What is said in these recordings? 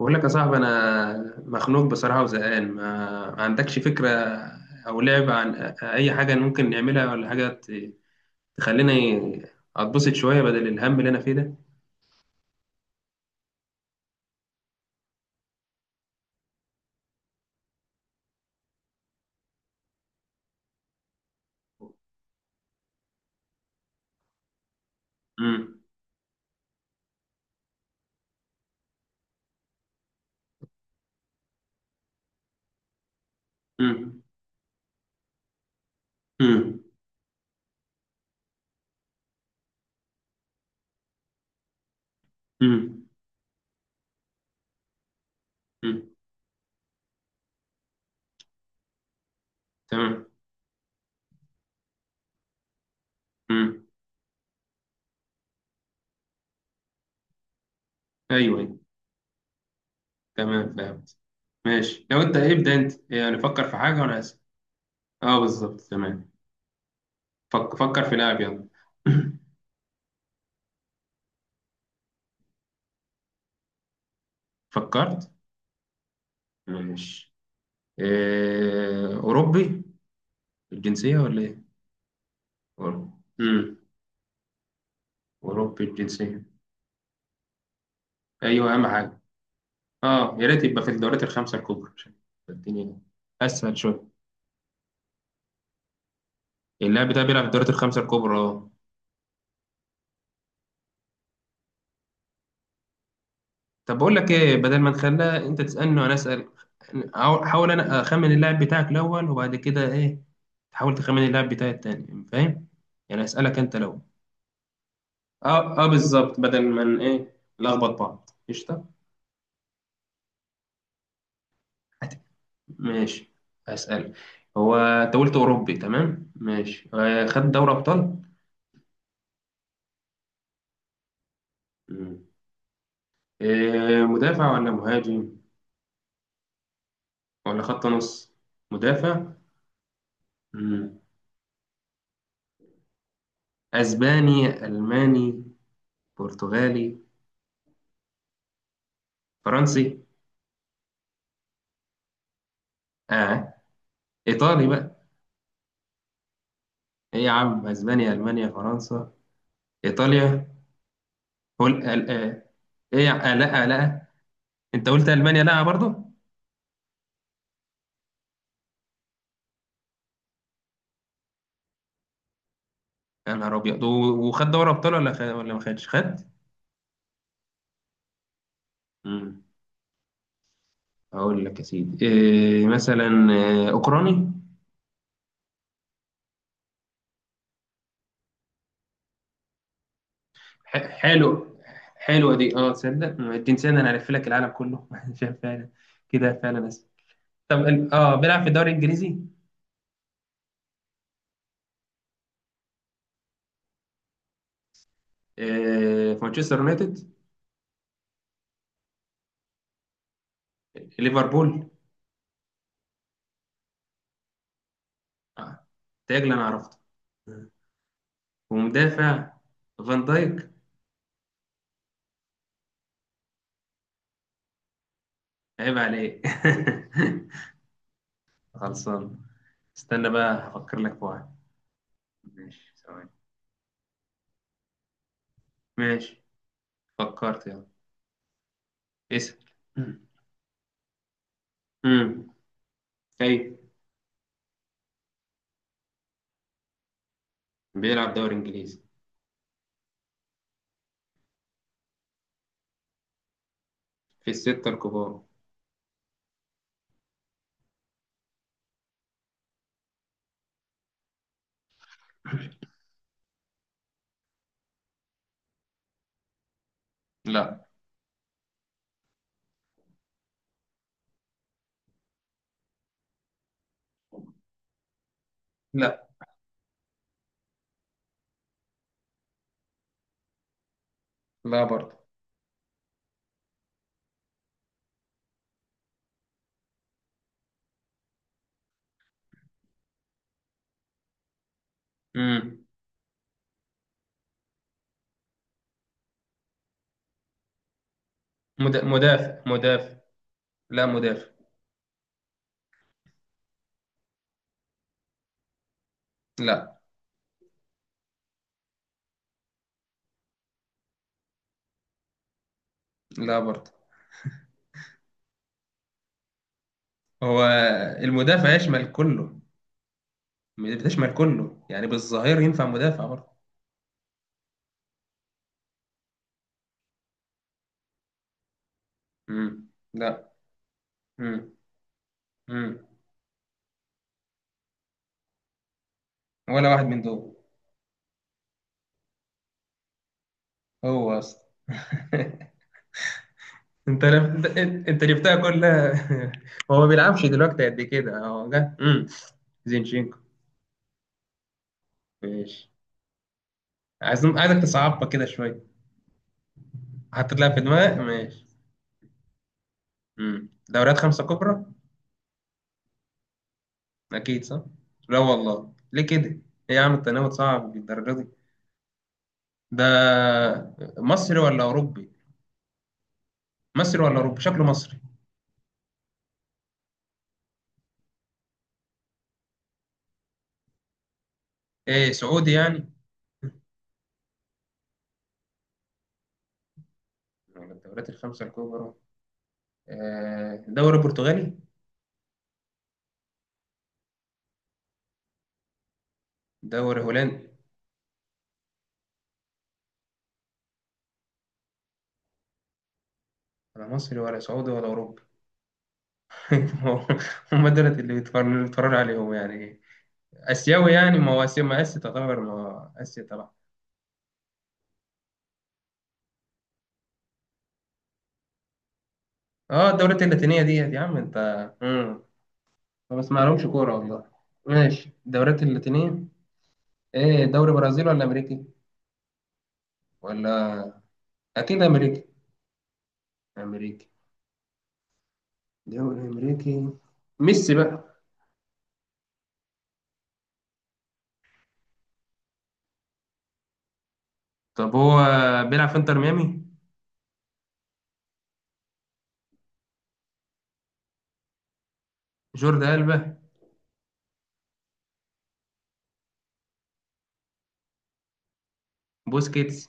بقول لك يا صاحبي، انا مخنوق بصراحه وزهقان، ما عندكش فكره او لعبه عن اي حاجه ممكن نعملها، ولا حاجه تخليني اتبسط شويه بدل الهم اللي انا فيه ده. امم. امم. امم. امم. أمم. تمام. امم. ايوه، أيوة. تمام فهمت. ماشي. لو انت إيه، ابدا انت يعني فكر في حاجه وانا اسف. اه بالظبط تمام. فكر في لعب، يلا. فكرت. ماشي. اوروبي الجنسيه ولا ايه؟ أوروبي. وأوروبي الجنسية. أيوه، أهم حاجة. أه، يا ريت يبقى في الدوريات الخمسة الكبرى عشان الدنيا أسهل شوية. اللاعب ده بيلعب في الدوريات الخمسة الكبرى، أه. طب بقول لك إيه؟ بدل ما نخليها أنت تسألني وأنا أسأل، حاول أنا أخمن اللاعب بتاعك الأول وبعد كده إيه تحاول تخمن اللاعب بتاعي التاني، فاهم؟ يعني أسألك أنت الأول. أه أه بالظبط، بدل ما ن- إيه نلخبط بعض، قشطة. ماشي، أسأل. هو أنت قلت أوروبي، تمام ماشي، آه، خد دوري أبطال؟ آه، مدافع ولا مهاجم ولا خط نص؟ مدافع. مم. اسباني، الماني، برتغالي، فرنسي؟ اه، ايطالي بقى؟ ايه عم، اسبانيا، المانيا، فرنسا، ايطاليا، هول؟ آه. آه. ايه آه لا، آه لا، انت قلت المانيا، لا برضه. يا نهار ابيض، وخد دوري ابطال ولا خد ولا ما خدش خد؟ مم. اقول لك يا سيدي إيه؟ مثلا آه، اوكراني؟ حلو. حلوة دي. اه تصدق معدين سنة انا هلف لك العالم كله شايف فعلا كده، فعلا اسف. طب بيلعب في الدوري الانجليزي؟ آه، في مانشستر يونايتد؟ ليفربول؟ اه تاجل انا عرفته. آه، ومدافع. فان دايك. عيب عليك. خلصان. استنى بقى، هفكر لك في واحد. ماشي، ثواني. ماشي، فكرت، يلا اسأل. امم. اي. بيلعب دوري انجليزي في الستة الكبار. لا. لا. لا برضه. امم. مدافع مدافع. لا مدافع. لا. لا برضه. هو المدافع يشمل كله. بتشمل كله يعني، بالظاهر ينفع مدافع برضه. امم. لا. امم. امم. ولا واحد من دول. هو اصلا أنت جبتها كلها. هو ما بيلعبش دلوقتي قد كده، هو جه، امم، زينشينكو. ماشي. عايزك تصعبها كده شويه، حطيت لها في دماغك، ماشي. امم. دوريات خمسه كبرى، أكيد صح؟ لا والله، ليه كده؟ إيه يا عم، التناوب صعب بالدرجة دي؟ ده مصري ولا أوروبي؟ مصري ولا أوروبي؟ شكله مصري. إيه، سعودي يعني؟ ولا الدوريات الخمسة الكبرى؟ آه، دوري برتغالي؟ دوري هولندي؟ ولا مصري ولا سعودي ولا أوروبي؟ هم دول اللي بيتفرج عليهم يعني؟ آسيوي يعني؟ ما هو آسيا، ما آسيا تعتبر، ما هو آسيا طبعا. اه الدوريات اللاتينية ديت يا عم انت. مم. ما بسمعلهمش كورة والله. ماشي الدوريات اللاتينية. ايه، دوري برازيلي ولا امريكي ولا اكيد امريكي؟ امريكي، دوري امريكي. ميسي بقى؟ طب هو بيلعب في انتر ميامي. جوردي ألبا؟ بوسكيتس؟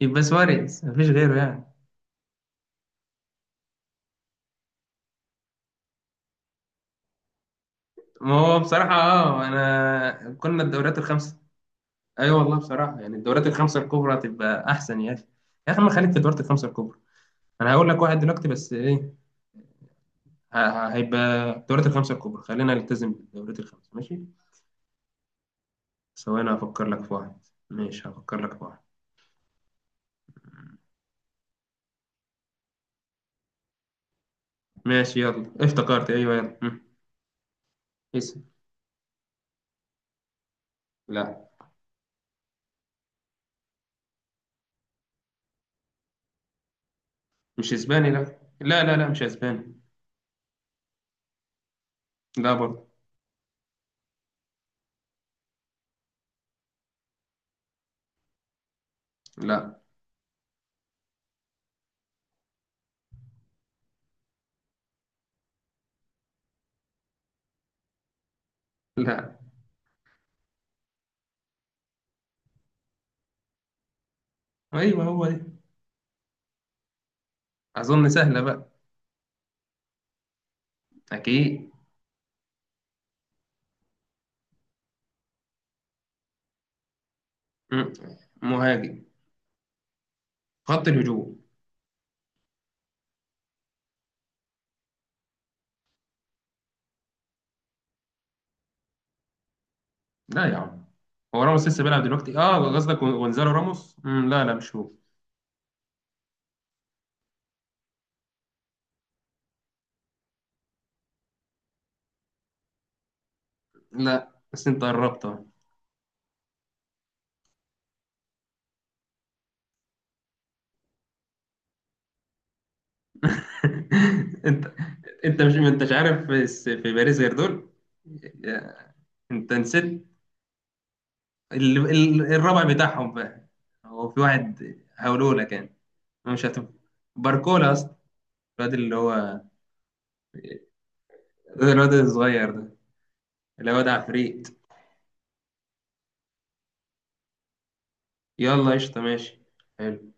يبقى سواريز، مفيش غيره يعني. ما هو بصراحة اه انا كنا الدوريات الخمسة. ايوه والله، بصراحة يعني الدوريات الخمسة الكبرى تبقى احسن يا اخي. يا اخي ما خليك في الدوريات الخمسة الكبرى. انا هقول لك واحد دلوقتي، بس ايه، هيبقى الدوريات الخمسة الكبرى، خلينا نلتزم بالدوريات الخمسة، ماشي. ثواني هفكر لك في واحد. ماشي، هفكر لك في واحد. ماشي يلا افتكرت، ايوه يلا، مم، اسم. لا. مش اسباني، لا. لا لا لا، مش اسباني. لا برضه. لا. لا. ايوه، هو دي. اظن سهله بقى. اكيد. مم. مهاجم، خط الهجوم. لا يا عم. هو راموس لسه بيلعب دلوقتي؟ اه قصدك غونزالو راموس، مم، لا لا مش هو. لا بس انت قربت أهو. انت انت مش ما انتش عارف، بس في باريس غير دول. انت نسيت. الرابع بتاعهم بقى. هو في واحد هقوله لك يعني انا مش هتفهم، باركولا اصلا. الواد اللي هو الواد الصغير ده، اللي هو ده عفريت. يلا قشطه، ماشي. حلو.